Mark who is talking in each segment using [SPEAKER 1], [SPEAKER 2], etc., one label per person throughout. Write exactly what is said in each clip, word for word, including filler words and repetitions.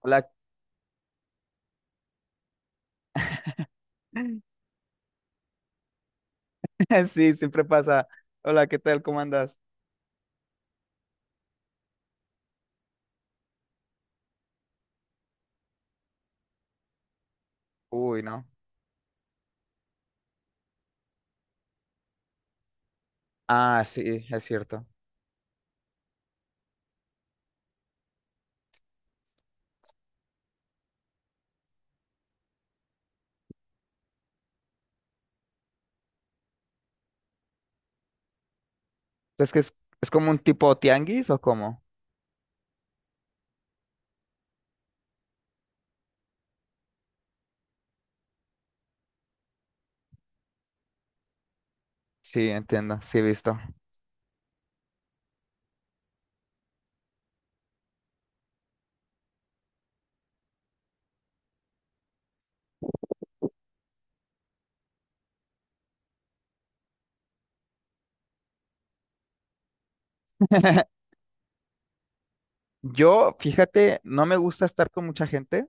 [SPEAKER 1] Hola. Sí, siempre pasa. Hola, ¿qué tal? ¿Cómo andas? Uy, no. Ah, sí, es cierto. Es que es, ¿es como un tipo tianguis o cómo? Sí, entiendo, sí, he visto. Yo, fíjate, no me gusta estar con mucha gente,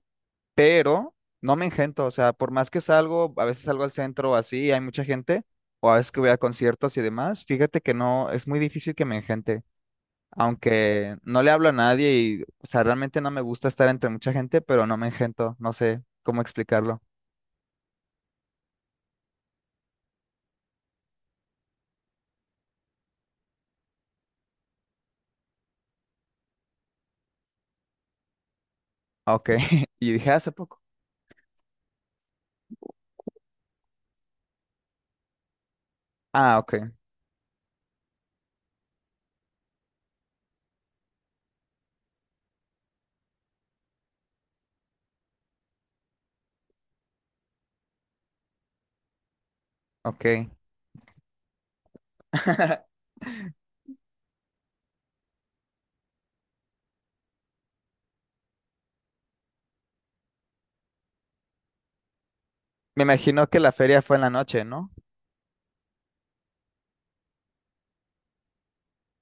[SPEAKER 1] pero no me engento. O sea, por más que salgo, a veces salgo al centro o así, hay mucha gente, o a veces que voy a conciertos y demás, fíjate que no, es muy difícil que me engente. Aunque no le hablo a nadie y, o sea, realmente no me gusta estar entre mucha gente, pero no me engento, no sé cómo explicarlo. Ah, ok, y dije: "Ah, hace poco". Ah, ok, ok. Me imagino que la feria fue en la noche, ¿no?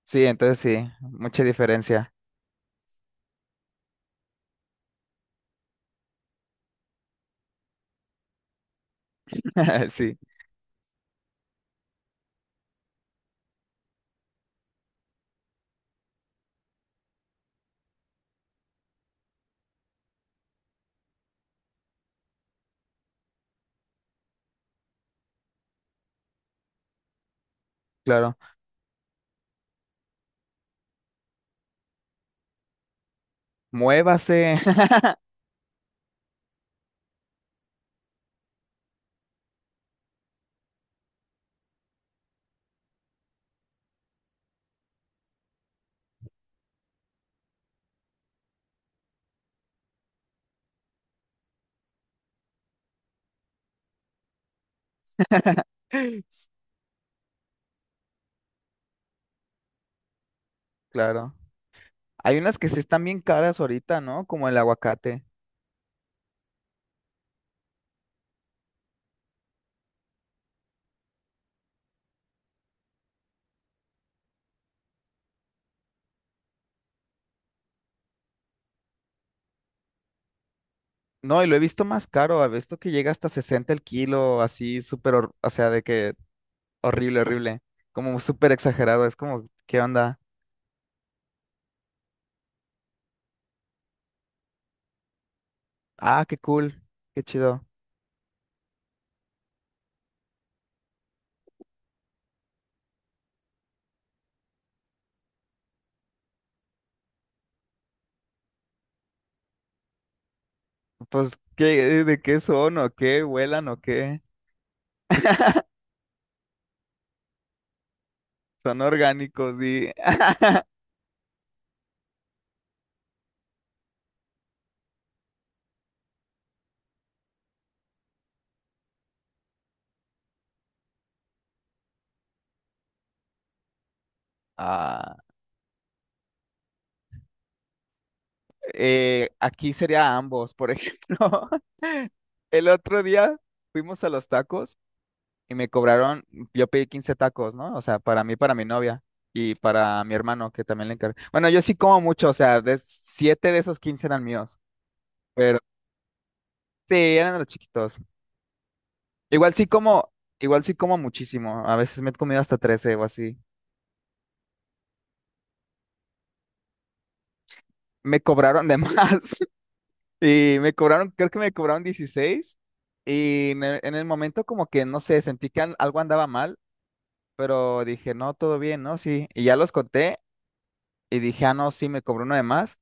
[SPEAKER 1] Sí, entonces sí, mucha diferencia. Sí, claro. Muévase. Claro. Hay unas que sí están bien caras ahorita, ¿no? Como el aguacate. No, y lo he visto más caro, he visto que llega hasta sesenta el kilo, así súper, hor- o sea, de que horrible, horrible. Como súper exagerado. Es como, ¿qué onda? Ah, qué cool. Qué chido. Pues, ¿qué, de qué son o qué? ¿Vuelan o qué? Son orgánicos y ah, eh, aquí sería ambos, por ejemplo. El otro día fuimos a los tacos y me cobraron, yo pedí quince tacos, ¿no? O sea, para mí, para mi novia y para mi hermano que también le encargué. Bueno, yo sí como mucho, o sea, de siete de esos quince eran míos, pero sí, eran de los chiquitos. Igual sí como, igual sí como muchísimo. A veces me he comido hasta trece o así. Me cobraron de más. Y me cobraron, creo que me cobraron dieciséis y me- en el momento como que, no sé, sentí que al- algo andaba mal, pero dije, no, todo bien, ¿no? Sí. Y ya los conté y dije, ah, no, sí, me cobró uno de más,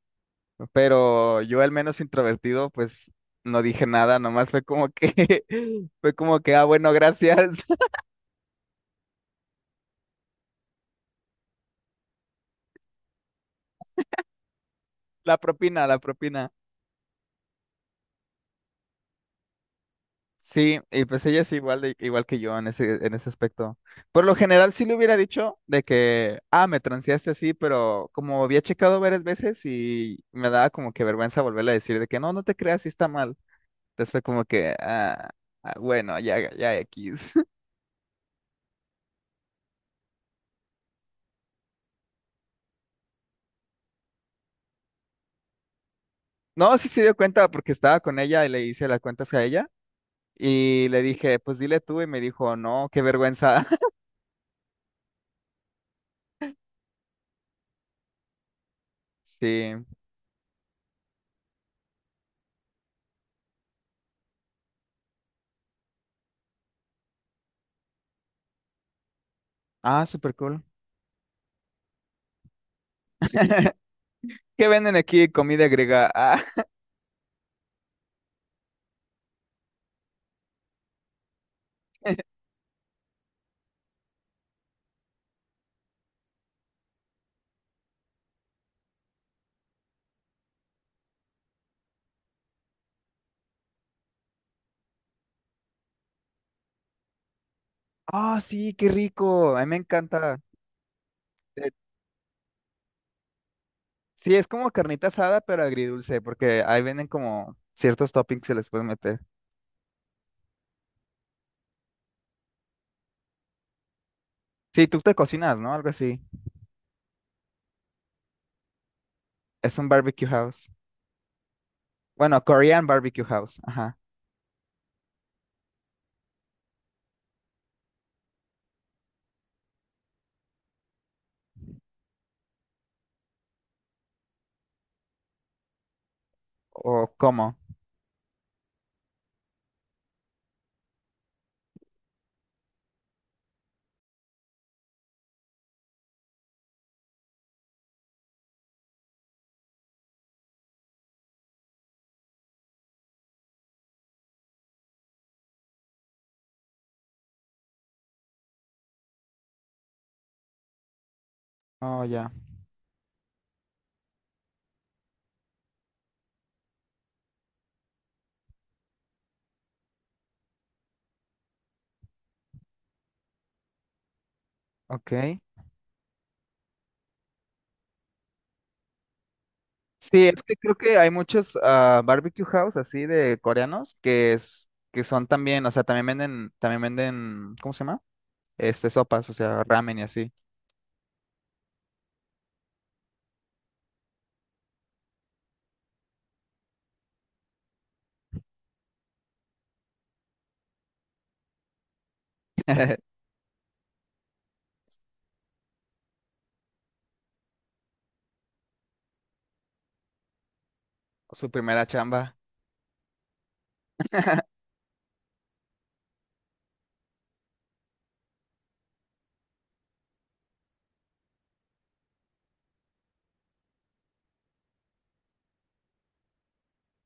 [SPEAKER 1] pero yo al menos introvertido, pues no dije nada, nomás fue como que, fue como que, ah, bueno, gracias. La propina, la propina. Sí, y pues ella es igual de, igual que yo en ese, en ese aspecto. Por lo general sí le hubiera dicho de que, ah, me transeaste así, pero como había checado varias veces y me daba como que vergüenza volverle a decir de que no, no te creas, sí está mal. Entonces fue como que, ah, ah, bueno, ya, ya X. No, sí se dio cuenta porque estaba con ella y le hice las cuentas a ella y le dije, pues dile tú, y me dijo, no, qué vergüenza. Sí, ah, súper cool. ¿Qué venden aquí? Comida griega. Ah. Ah, sí, qué rico. A mí me encanta. Eh, sí, es como carnita asada, pero agridulce, porque ahí venden como ciertos toppings que se les pueden meter. Sí, tú te cocinas, ¿no? Algo así. Es un barbecue house. Bueno, Korean barbecue house. Ajá. O cómo. Oh, ya. Ok. Sí, es que creo que hay muchos ah, barbecue house así de coreanos que es que son también, o sea, también venden, también venden, ¿cómo se llama? Este, sopas, o sea, ramen y así. Su primera chamba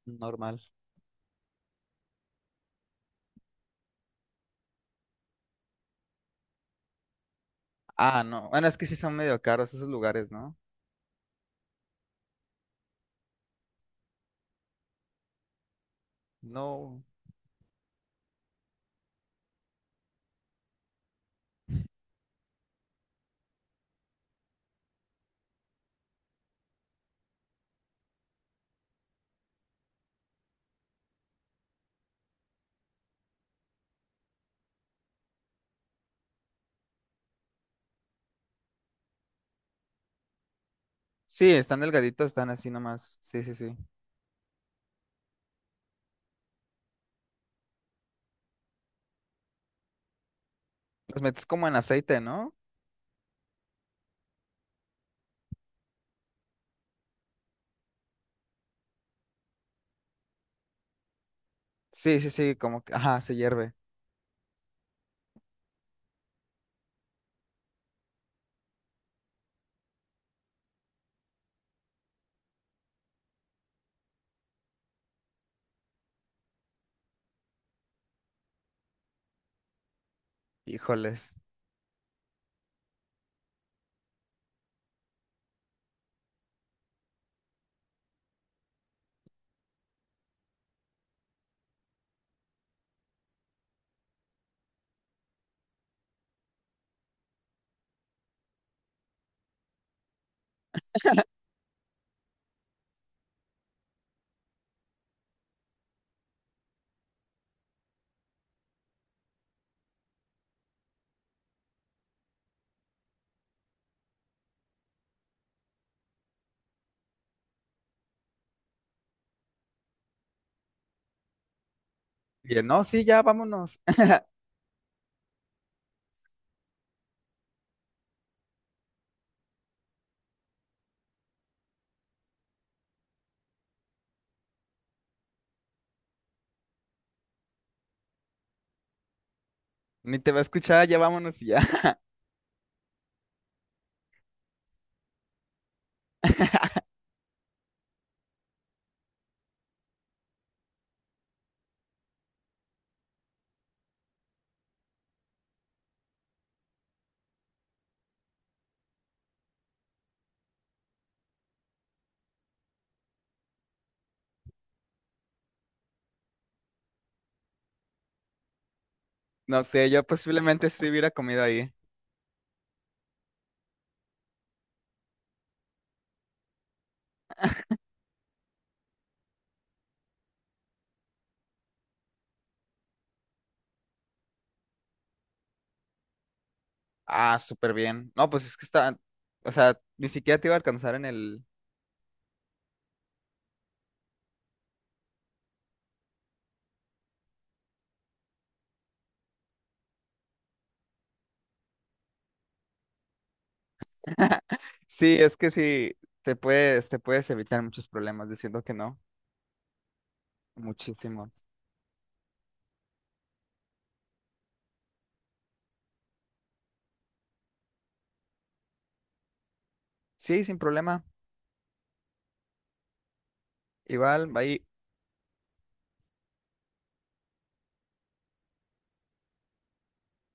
[SPEAKER 1] normal. Ah, no. Bueno, es que sí son medio caros esos lugares, ¿no? No. Sí, están delgaditos, están así nomás. Sí, sí, sí. Los metes como en aceite, ¿no? Sí, sí, sí, como que, ajá, se hierve. Híjoles. Bien, no, sí, ya, vámonos. Ni te va a escuchar, ya vámonos y ya. No sé, yo posiblemente sí hubiera comido ahí. Ah, súper bien. No, pues es que está, o sea, ni siquiera te iba a alcanzar en el... Sí, es que sí, te puedes, te puedes evitar muchos problemas diciendo que no. Muchísimos. Sí, sin problema. Igual, ahí